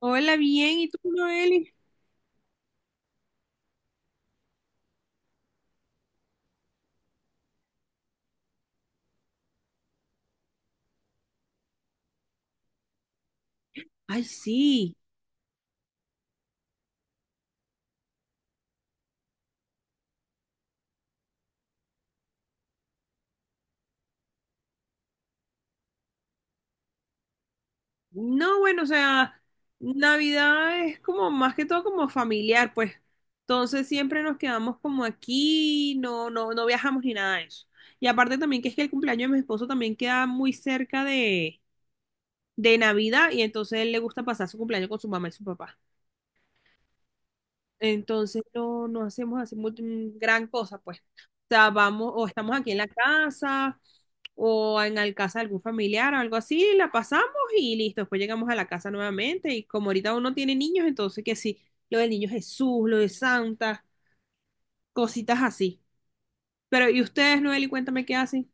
Hola, bien, ¿y tú, Noeli? Ay, sí. No, bueno, o sea, Navidad es como más que todo como familiar, pues. Entonces siempre nos quedamos como aquí, no viajamos ni nada de eso. Y aparte también que es que el cumpleaños de mi esposo también queda muy cerca de Navidad y entonces él le gusta pasar su cumpleaños con su mamá y su papá. Entonces no hacemos así gran cosa, pues. O sea, vamos, o estamos aquí en la casa, o en la casa de algún familiar o algo así, la pasamos y listo. Después llegamos a la casa nuevamente. Y como ahorita uno tiene niños, entonces que sí, lo del niño Jesús, lo de Santa, cositas así. Pero, ¿y ustedes, Noel, y cuéntame qué hacen?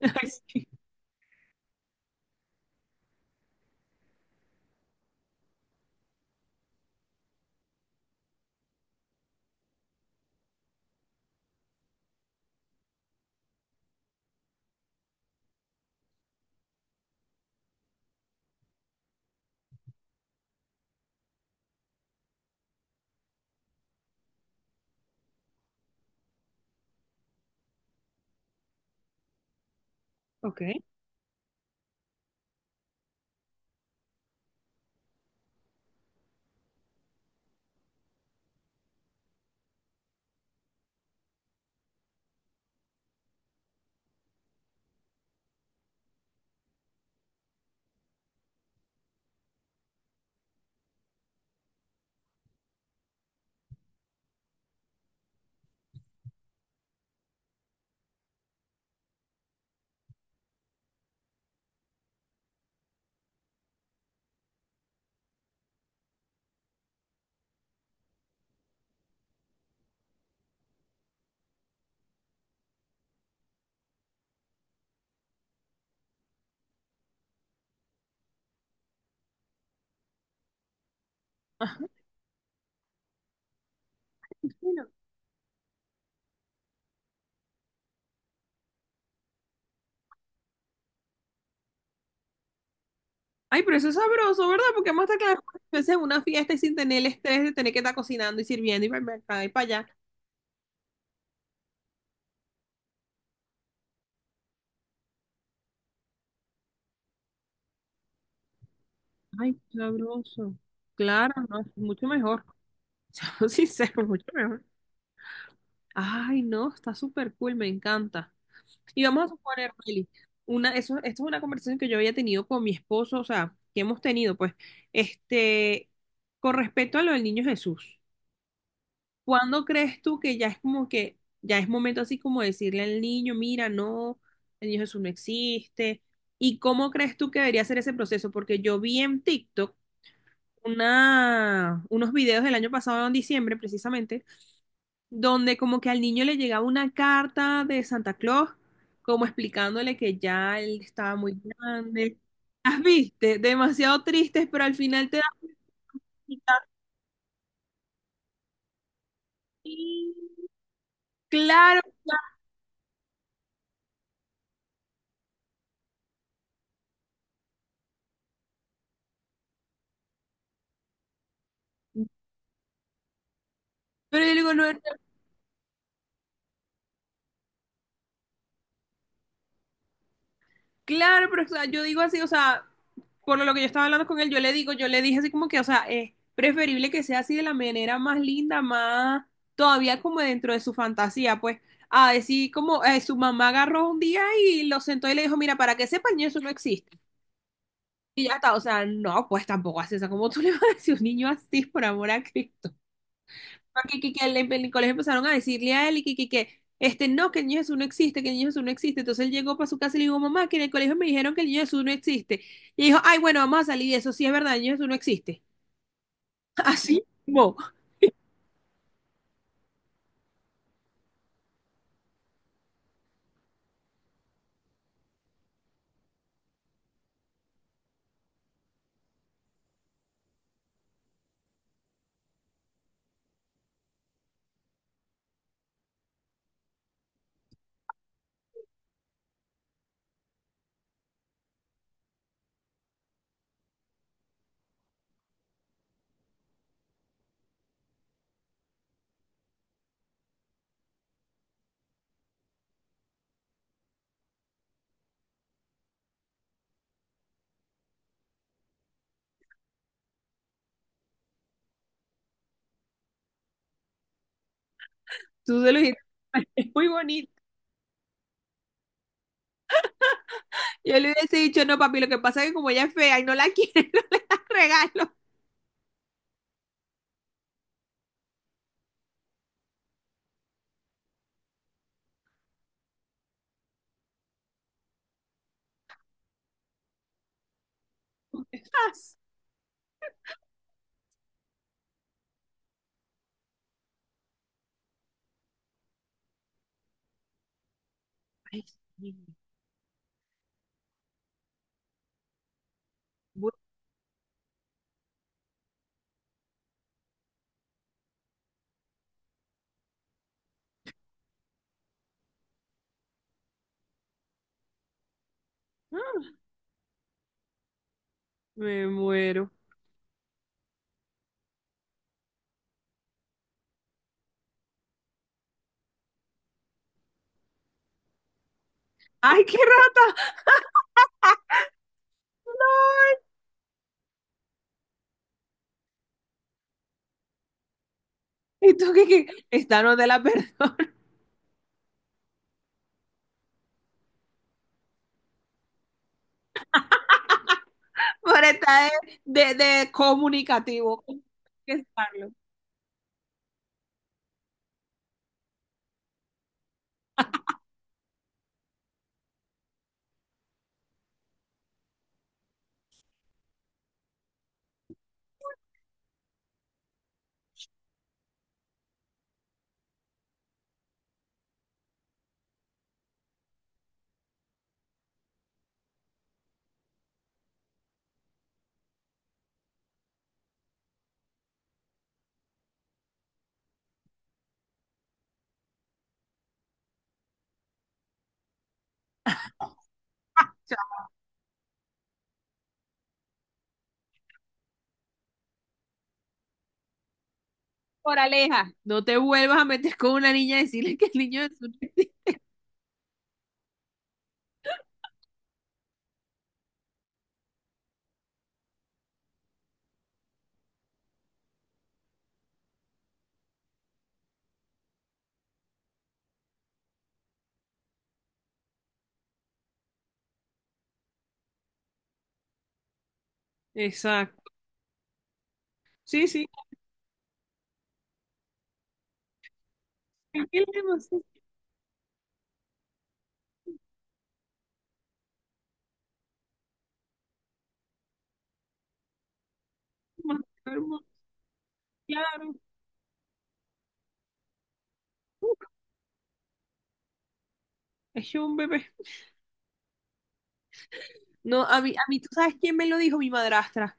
Sí. Ok. Ah, bueno. Ay, pero eso es sabroso, ¿verdad? Porque vamos a estar cada vez en una fiesta y sin tener el estrés de tener que estar cocinando y sirviendo y para acá y para allá. Ay, qué sabroso. Claro, no, es mucho mejor. Seamos sinceros, mucho mejor. Ay, no, está súper cool, me encanta. Y vamos a suponer, Meli, esto es una conversación que yo había tenido con mi esposo, o sea, que hemos tenido, pues, este, con respecto a lo del niño Jesús, ¿cuándo crees tú que ya es como que, ya es momento así como decirle al niño, mira, no, el niño Jesús no existe? ¿Y cómo crees tú que debería ser ese proceso? Porque yo vi en TikTok unos videos del año pasado, en diciembre precisamente, donde como que al niño le llegaba una carta de Santa Claus, como explicándole que ya él estaba muy grande. Las viste, demasiado tristes, pero al final te da felicidad. Sí, claro, claro. pero yo digo, no, no, Claro, pero o sea, yo digo así, o sea, por lo que yo estaba hablando con él, yo le digo, yo le dije así como que, o sea, es preferible que sea así de la manera más linda, más todavía como dentro de su fantasía, pues, a decir como su mamá agarró un día y lo sentó y le dijo, mira, para que sepan, eso no existe. Y ya está, o sea, no, pues tampoco hace eso, como tú le vas a decir a un niño así, por amor a Cristo que en el colegio empezaron a decirle a él y este no, que el niño Jesús no existe, que el niño Jesús no existe. Entonces él llegó para su casa y le dijo, mamá, que en el colegio me dijeron que el niño Jesús no existe. Y dijo, ay, bueno, vamos a salir de eso, sí es verdad, el niño Jesús no existe. Así mismo, tú se lo dijiste, es muy bonito. Yo le hubiese dicho, no, papi, lo que pasa es que como ella es fea y no la quieren, los regalo. Ay, sí. Bu- ah, Me muero. Ay, qué rata. No. ¿Y tú qué, qué? Esta no te la perdono. Por estar de comunicativo. Hay que estarlo. Por aleja, no te vuelvas a meter con una niña y decirle que el niño es un... Exacto. Sí, sí. Tranquila, demasiado, claro. Uh, es un bebé. No, a mí, ¿tú sabes quién me lo dijo? Mi madrastra.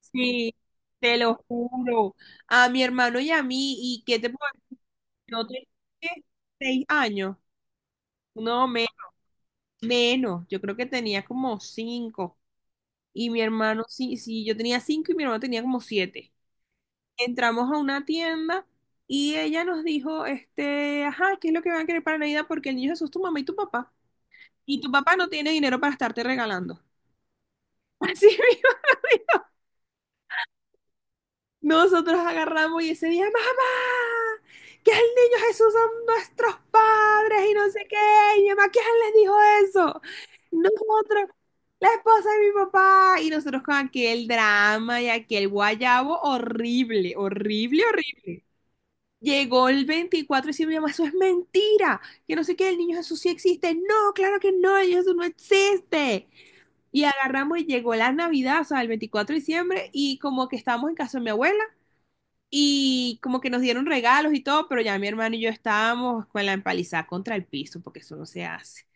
Sí, te lo juro. A mi hermano y a mí. ¿Y qué te puedo decir? No tenía ¿qué? Seis años. No, me- menos. Yo creo que tenía como cinco. Y mi hermano, sí, sí, yo tenía cinco y mi hermano tenía como siete. Entramos a una tienda y ella nos dijo, este, ajá, ¿qué es lo que van a querer para Navidad? Porque el niño Jesús es tu mamá y tu papá. Y tu papá no tiene dinero para estarte regalando. Así mismo. Nosotros agarramos y ese día, mamá, que el niño Jesús son nuestros padres y no sé qué. Y mi mamá, ¿quién les dijo eso? Nosotros, la esposa de mi papá. Y nosotros con aquel drama y aquel guayabo horrible, horrible, horrible. Llegó el 24 y decía, mi mamá, eso es mentira. Que no sé qué, el niño Jesús sí existe. No, claro que no, el niño Jesús no existe. Y agarramos y llegó la Navidad, o sea, el 24 de diciembre, y como que estábamos en casa de mi abuela. Y como que nos dieron regalos y todo, pero ya mi hermano y yo estábamos con la empalizada contra el piso, porque eso no se hace.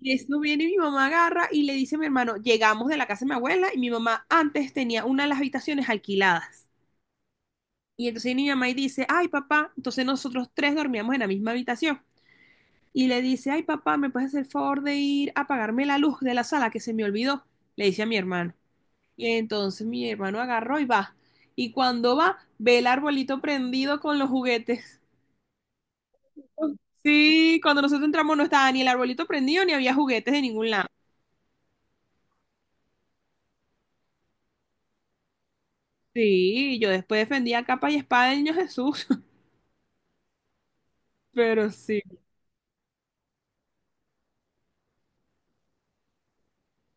Y eso viene y mi mamá agarra y le dice a mi hermano, llegamos de la casa de mi abuela y mi mamá antes tenía una de las habitaciones alquiladas. Y entonces mi mamá y dice, ay papá, entonces nosotros tres dormíamos en la misma habitación. Y le dice, ay papá, ¿me puedes hacer el favor de ir a apagarme la luz de la sala que se me olvidó? Le dice a mi hermano. Y entonces mi hermano agarró y va. Y cuando va, ve el arbolito prendido con los juguetes. Sí, cuando nosotros entramos no estaba ni el arbolito prendido ni había juguetes de ningún lado. Sí, yo después defendía capa y espada del niño Jesús, pero sí,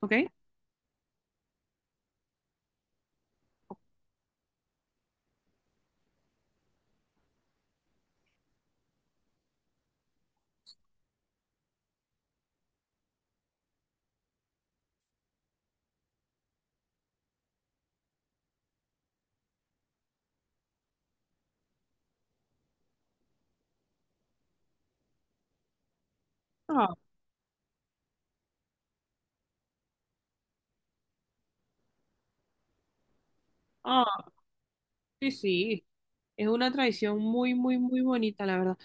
¿ok? Ah, ah, sí, sí, es una tradición muy, muy, muy bonita, la verdad.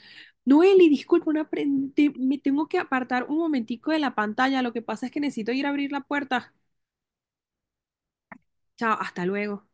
Noeli, disculpa, me tengo que apartar un momentico de la pantalla, lo que pasa es que necesito ir a abrir la puerta. Chao, hasta luego.